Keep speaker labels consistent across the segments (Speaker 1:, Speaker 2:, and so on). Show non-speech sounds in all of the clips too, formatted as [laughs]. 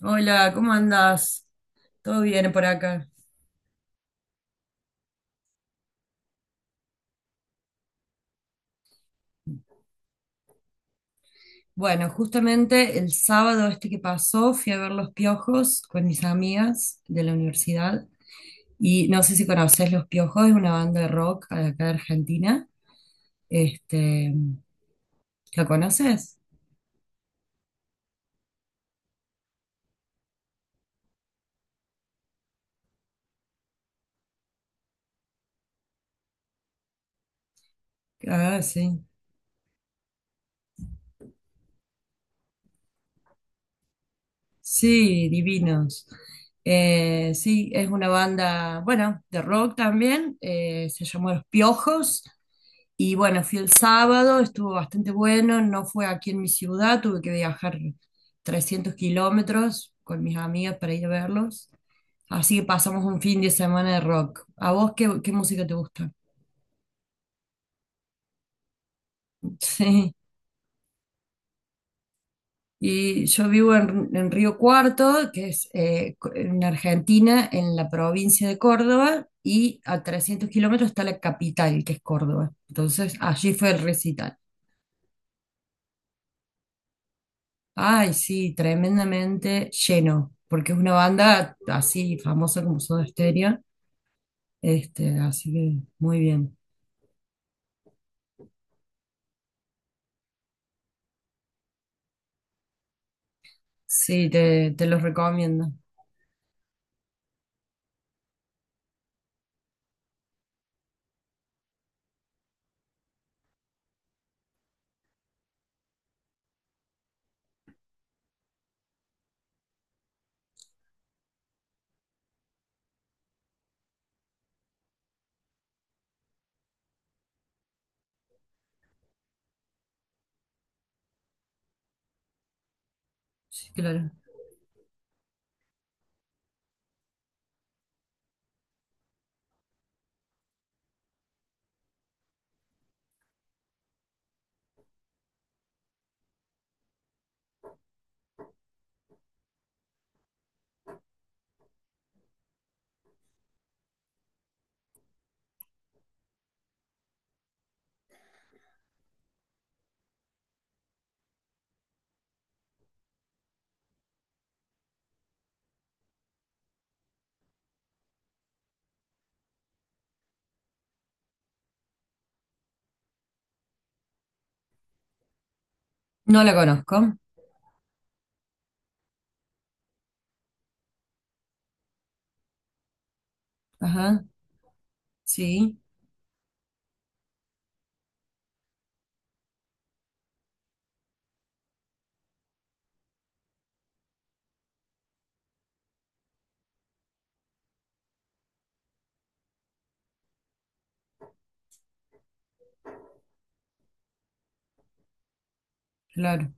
Speaker 1: Hola, ¿cómo andás? ¿Todo bien por acá? Bueno, justamente el sábado este que pasó fui a ver Los Piojos con mis amigas de la universidad y no sé si conocés Los Piojos, es una banda de rock de acá de Argentina. Este, ¿La conoces? Ah, sí. Sí, divinos. Sí, es una banda, bueno, de rock también, se llamó Los Piojos. Y bueno, fui el sábado, estuvo bastante bueno, no fue aquí en mi ciudad, tuve que viajar 300 kilómetros con mis amigas para ir a verlos. Así que pasamos un fin de semana de rock. ¿A vos qué, qué música te gusta? [laughs] Sí. Y yo vivo en Río Cuarto, que es en Argentina, en la provincia de Córdoba, y a 300 kilómetros está la capital, que es Córdoba. Entonces, allí fue el recital. Ay, sí, tremendamente lleno, porque es una banda así famosa como Soda Stereo, así que muy bien. Sí, te los recomiendo. Sí, claro. No la conozco. Ajá, sí, claro.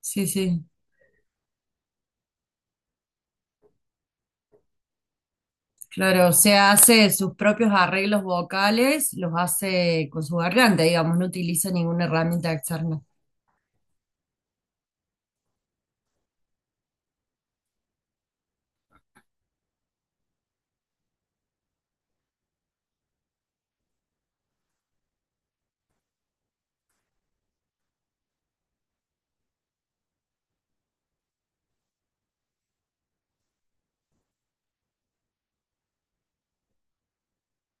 Speaker 1: Sí, sí, claro. Se hace sus propios arreglos vocales, los hace con su garganta, digamos, no utiliza ninguna herramienta externa.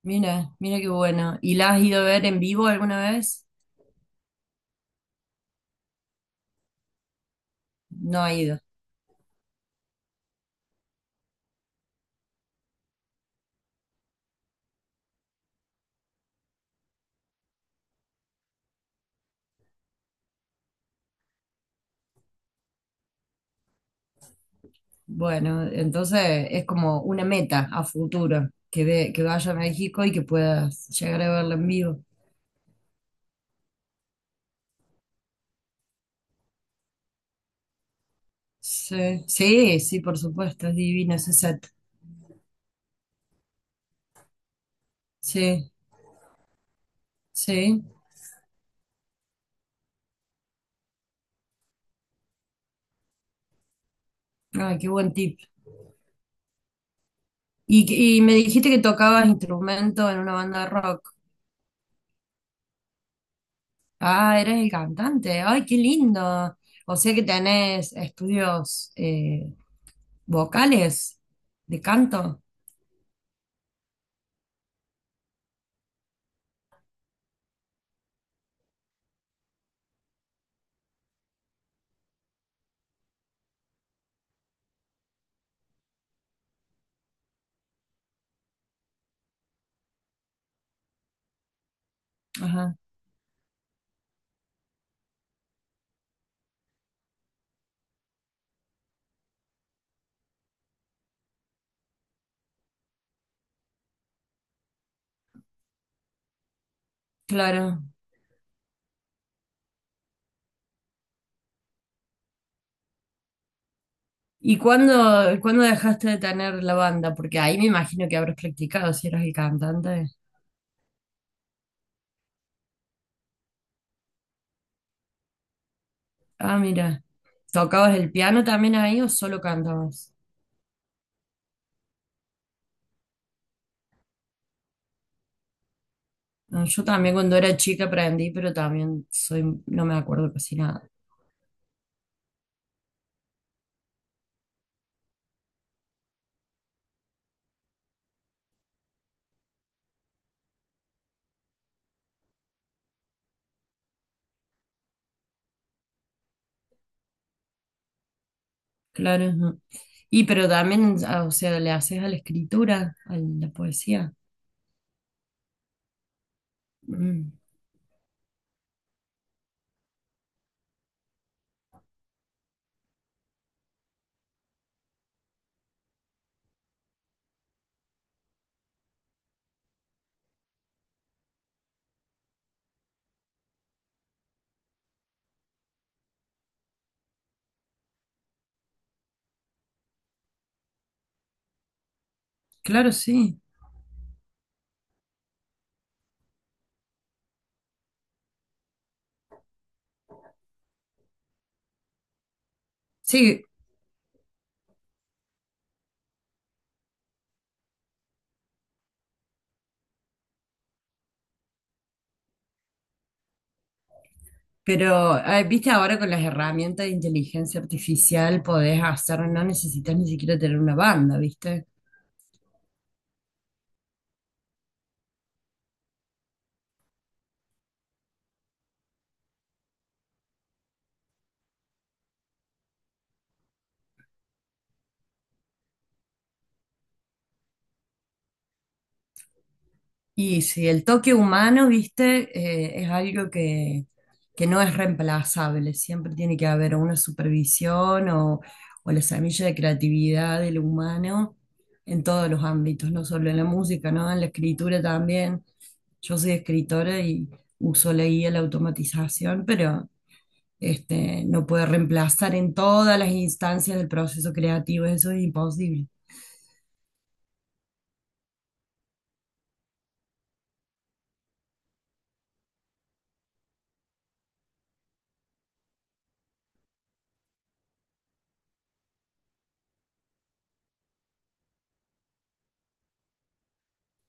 Speaker 1: Mira, mira qué bueno. ¿Y la has ido a ver en vivo alguna vez? No ha ido. Bueno, entonces es como una meta a futuro, que, ve, que vaya a México y que puedas llegar a verla en vivo. Sí, sí, sí, por supuesto, es divino ese set. Sí, sí. Ay, qué buen tip. Y, y me dijiste que tocabas instrumento en una banda de rock. Ah, eres el cantante. Ay, qué lindo. O sea que tenés estudios vocales de canto. Ajá, claro. ¿Y cuándo dejaste de tener la banda? Porque ahí me imagino que habrás practicado si eras el cantante. Ah, mira. ¿Tocabas el piano también ahí o solo cantabas? Ah, yo también cuando era chica aprendí, pero también soy, no me acuerdo casi nada. Claro. Ujú. Y pero también, o sea, le haces a la escritura, a la poesía. Mm, claro, sí. Sí, pero viste ahora con las herramientas de inteligencia artificial podés hacer, no necesitas ni siquiera tener una banda, ¿viste? Y si el toque humano, viste, es algo que no es reemplazable, siempre tiene que haber una supervisión o la semilla de creatividad del humano en todos los ámbitos, no solo en la música, ¿no? En la escritura también. Yo soy escritora y uso la guía, la automatización, pero no puede reemplazar en todas las instancias del proceso creativo, eso es imposible.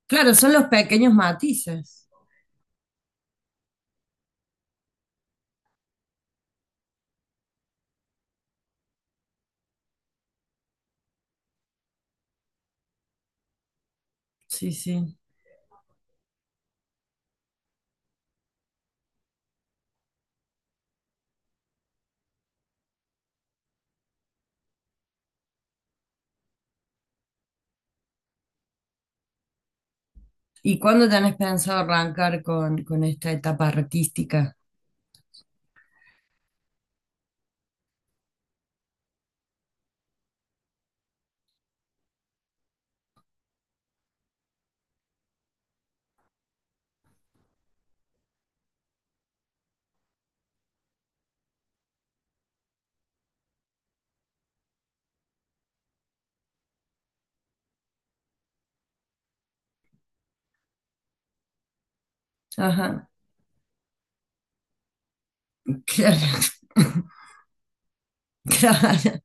Speaker 1: Claro, son los pequeños matices. Sí, sí. ¿Y cuándo tenés pensado arrancar con esta etapa artística? Ajá, claro. [laughs] Claro.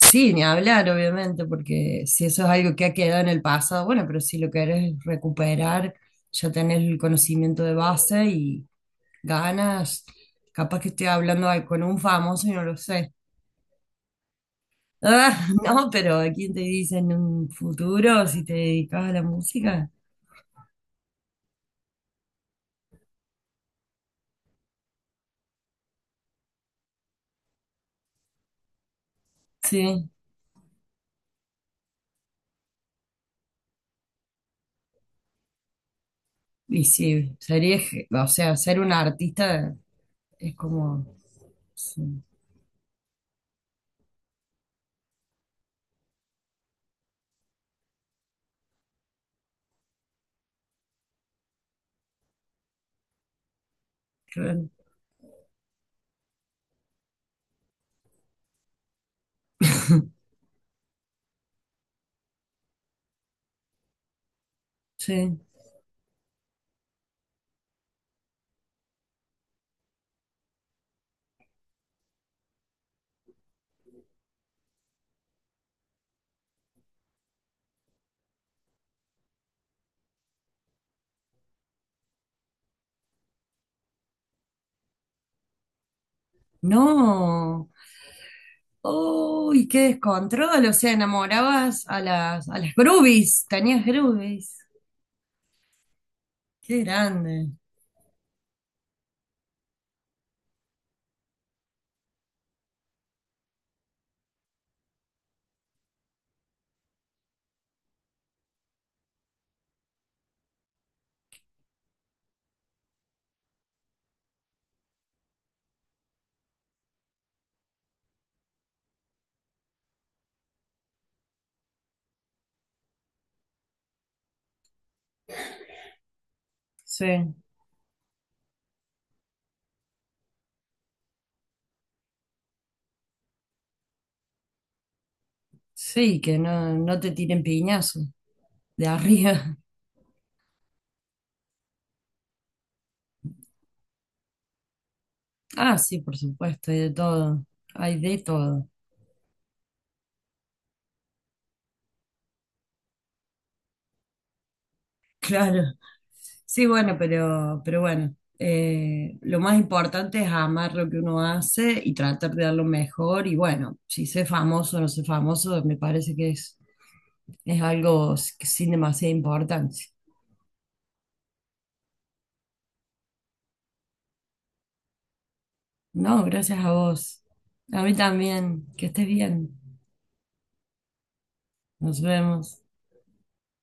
Speaker 1: Sí, ni hablar, obviamente, porque si eso es algo que ha quedado en el pasado, bueno, pero si lo querés recuperar, ya tenés el conocimiento de base y ganas. Capaz que estoy hablando ahí con un famoso y no lo sé. [laughs] Ah, no, pero ¿quién te dice en un futuro si te dedicas a la música? Sí. Y sí, sería, o sea, ser un artista es como... Sí. re- [laughs] sí. No. Uy, qué descontrol. O sea, enamorabas a a las groupies. Tenías groupies. Qué grande. Sí. Sí, que no, no te tiren piñazo de arriba. [laughs] Ah, sí, por supuesto, hay de todo. Hay de todo. Claro. Sí, bueno, pero bueno, lo más importante es amar lo que uno hace y tratar de dar lo mejor. Y bueno, si sé famoso o no sé famoso, me parece que es algo que sin demasiada importancia. No, gracias a vos. A mí también. Que estés bien. Nos vemos.